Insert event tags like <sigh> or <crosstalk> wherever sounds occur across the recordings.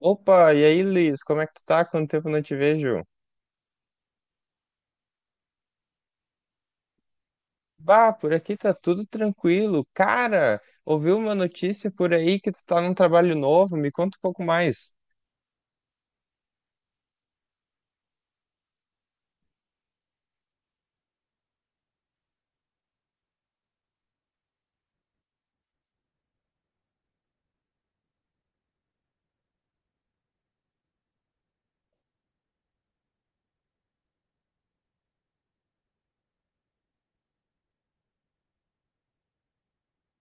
Opa, e aí, Liz, como é que tu tá? Quanto tempo não te vejo? Bah, por aqui tá tudo tranquilo. Cara, ouviu uma notícia por aí que tu tá num trabalho novo? Me conta um pouco mais.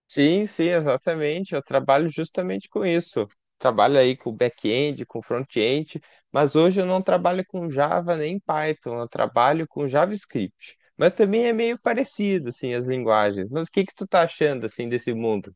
Sim, sim, exatamente. Eu trabalho justamente com isso. Trabalho aí com back-end, com front-end, mas hoje eu não trabalho com Java nem Python, eu trabalho com JavaScript. Mas também é meio parecido, assim, as linguagens. Mas o que que tu tá achando, assim, desse mundo?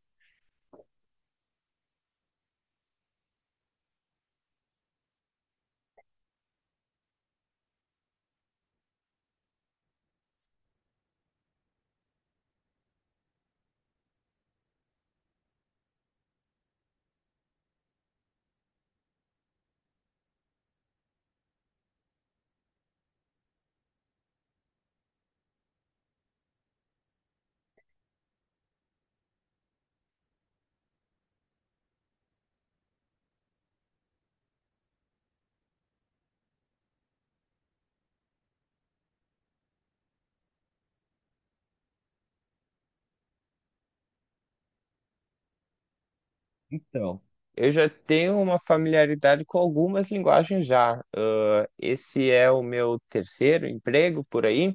Então, eu já tenho uma familiaridade com algumas linguagens já. Ah, esse é o meu terceiro emprego por aí,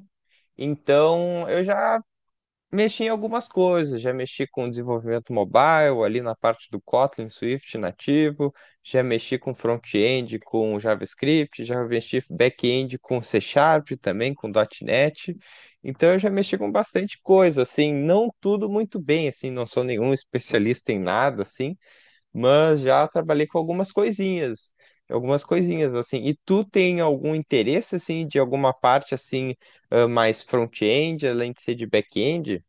então eu já mexi em algumas coisas. Já mexi com desenvolvimento mobile, ali na parte do Kotlin, Swift nativo, já mexi com front-end com JavaScript, já mexi back-end com C Sharp também, com .NET. Então eu já mexi com bastante coisa, assim, não tudo muito bem, assim, não sou nenhum <laughs> especialista em nada, assim, mas já trabalhei com algumas coisinhas assim. E tu tem algum interesse assim de alguma parte assim, ah, mais front-end, além de ser de back-end?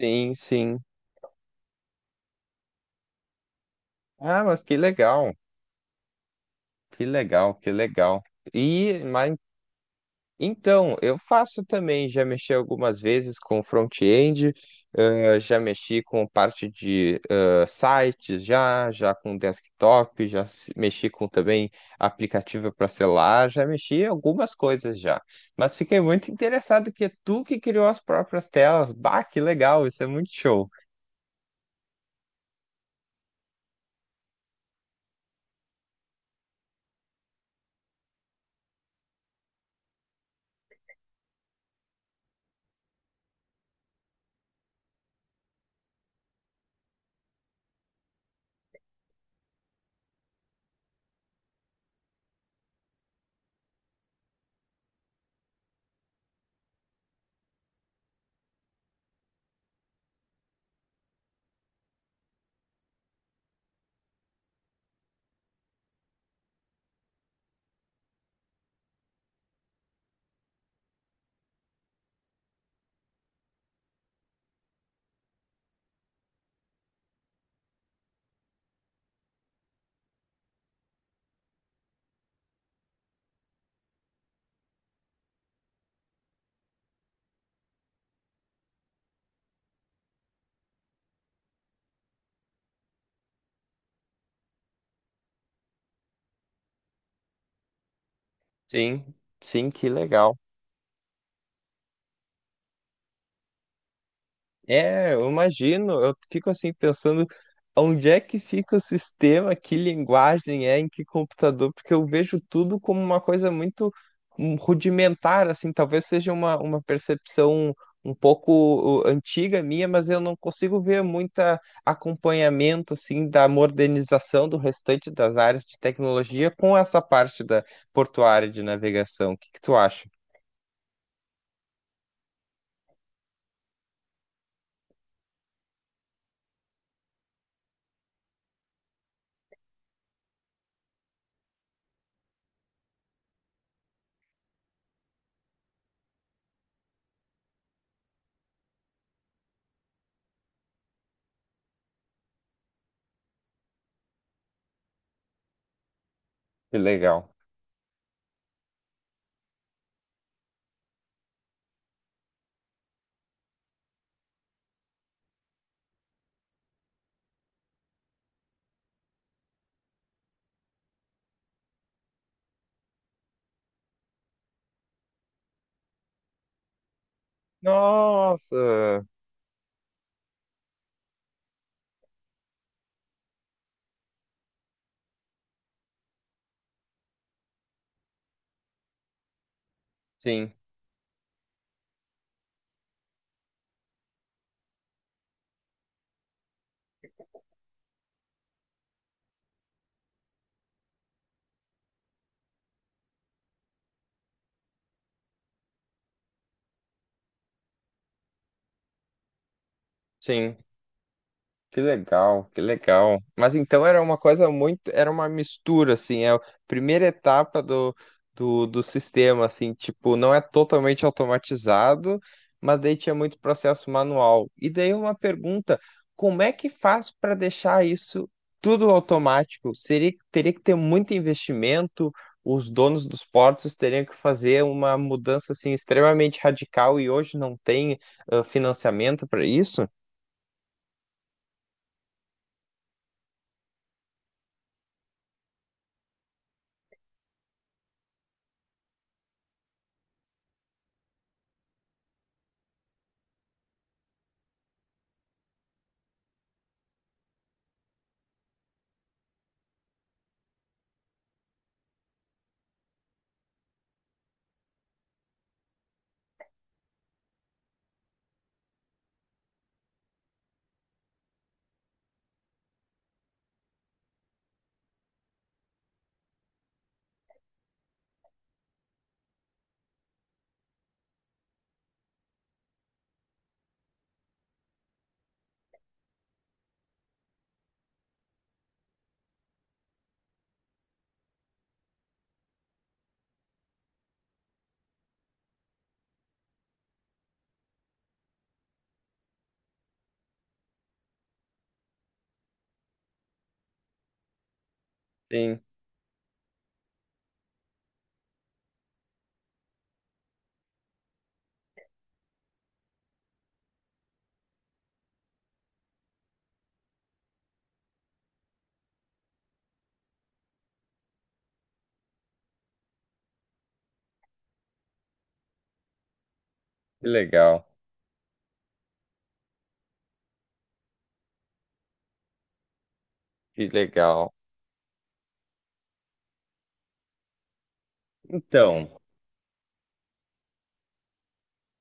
Sim, sim. Ah, mas que legal, que legal, que legal. E mas então, eu faço também, já mexi algumas vezes com front-end, já mexi com parte de sites, já, já com desktop, já se- mexi com também aplicativo para celular, já mexi em algumas coisas já. Mas fiquei muito interessado que é tu que criou as próprias telas. Bah, que legal, isso é muito show. Sim, sim, que legal. É, eu imagino, eu fico assim pensando onde é que fica o sistema, que linguagem é, em que computador, porque eu vejo tudo como uma coisa muito rudimentar, assim, talvez seja uma percepção um pouco antiga minha, mas eu não consigo ver muita acompanhamento, assim, da modernização do restante das áreas de tecnologia com essa parte da portuária de navegação. O que que tu acha? Que legal. Nossa! Sim, sim. Que legal, que legal. Mas então era uma coisa muito, era uma mistura, assim, é a primeira etapa do sistema, assim, tipo, não é totalmente automatizado, mas daí tinha muito processo manual. E daí uma pergunta, como é que faz para deixar isso tudo automático? Seria, teria que ter muito investimento, os donos dos portos teriam que fazer uma mudança, assim, extremamente radical e hoje não tem, ah, financiamento para isso? Sim, que legal. Que legal. Então,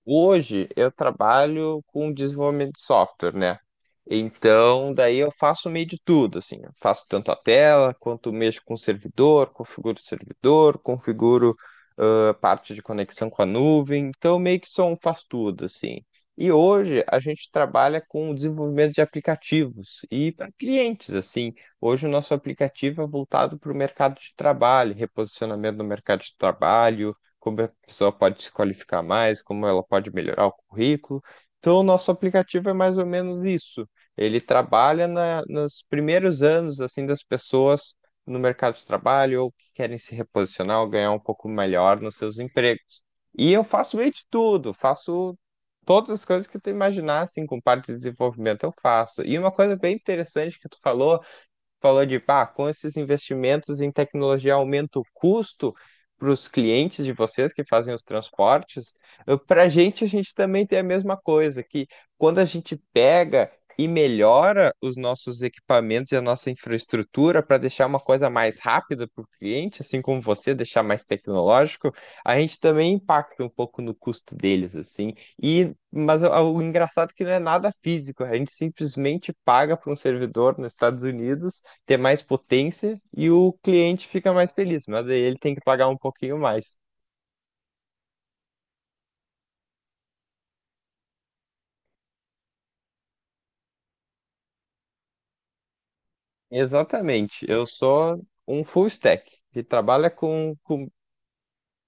hoje eu trabalho com desenvolvimento de software, né? Então, daí eu faço meio de tudo, assim, eu faço tanto a tela quanto mexo com o servidor, configuro o servidor, configuro, ah, parte de conexão com a nuvem. Então, meio que sou um faz tudo, assim. E hoje a gente trabalha com o desenvolvimento de aplicativos e para clientes, assim. Hoje o nosso aplicativo é voltado para o mercado de trabalho, reposicionamento no mercado de trabalho, como a pessoa pode se qualificar mais, como ela pode melhorar o currículo. Então, o nosso aplicativo é mais ou menos isso. Ele trabalha na, nos primeiros anos assim das pessoas no mercado de trabalho ou que querem se reposicionar ou ganhar um pouco melhor nos seus empregos. E eu faço meio de tudo, faço todas as coisas que tu imaginar, assim, com parte de desenvolvimento eu faço. E uma coisa bem interessante que tu falou de, pá, com esses investimentos em tecnologia aumenta o custo para os clientes de vocês que fazem os transportes. Para a gente também tem a mesma coisa, que quando a gente pega e melhora os nossos equipamentos e a nossa infraestrutura para deixar uma coisa mais rápida para o cliente, assim como você deixar mais tecnológico, a gente também impacta um pouco no custo deles, assim. E mas o engraçado é que não é nada físico, a gente simplesmente paga para um servidor nos Estados Unidos ter mais potência e o cliente fica mais feliz, mas aí ele tem que pagar um pouquinho mais. Exatamente, eu sou um full stack que trabalha com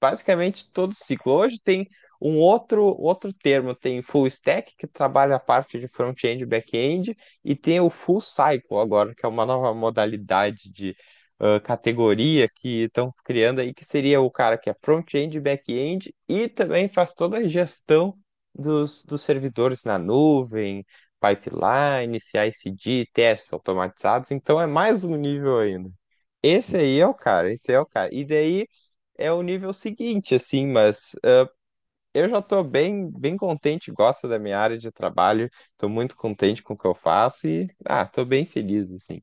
basicamente todo ciclo. Hoje tem um outro termo, tem full stack, que trabalha a parte de front-end e back-end, e tem o full cycle agora, que é uma nova modalidade de, ah, categoria que estão criando aí, que seria o cara que é front-end e back-end e também faz toda a gestão dos servidores na nuvem, pipeline, ci d testes automatizados, então é mais um nível ainda. Esse aí é o cara, esse é o cara. E daí é o nível seguinte, assim, mas eu já estou bem, bem contente, gosto da minha área de trabalho, estou muito contente com o que eu faço e, ah, estou bem feliz, assim.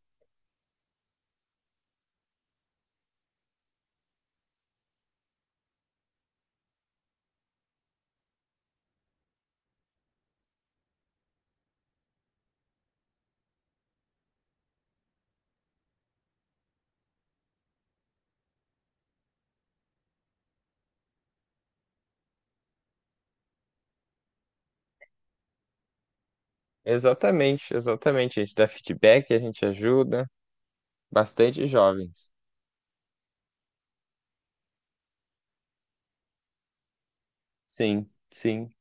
Exatamente, exatamente. A gente dá feedback, a gente ajuda bastante jovens. Sim, sim.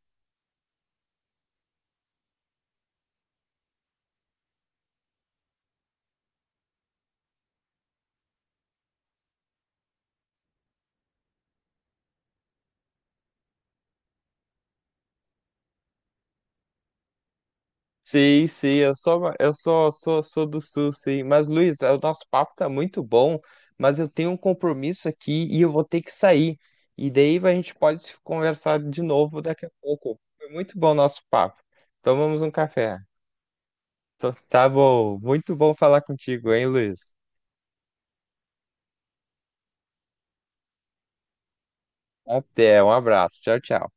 Sim, sim, eu sou, sou, sou do Sul, sim. Mas, Luiz, o nosso papo tá muito bom, mas eu tenho um compromisso aqui e eu vou ter que sair. E daí a gente pode se conversar de novo daqui a pouco. Foi muito bom o nosso papo. Tomamos um café. Tá bom, muito bom falar contigo, hein, Luiz? Até, um abraço. Tchau, tchau.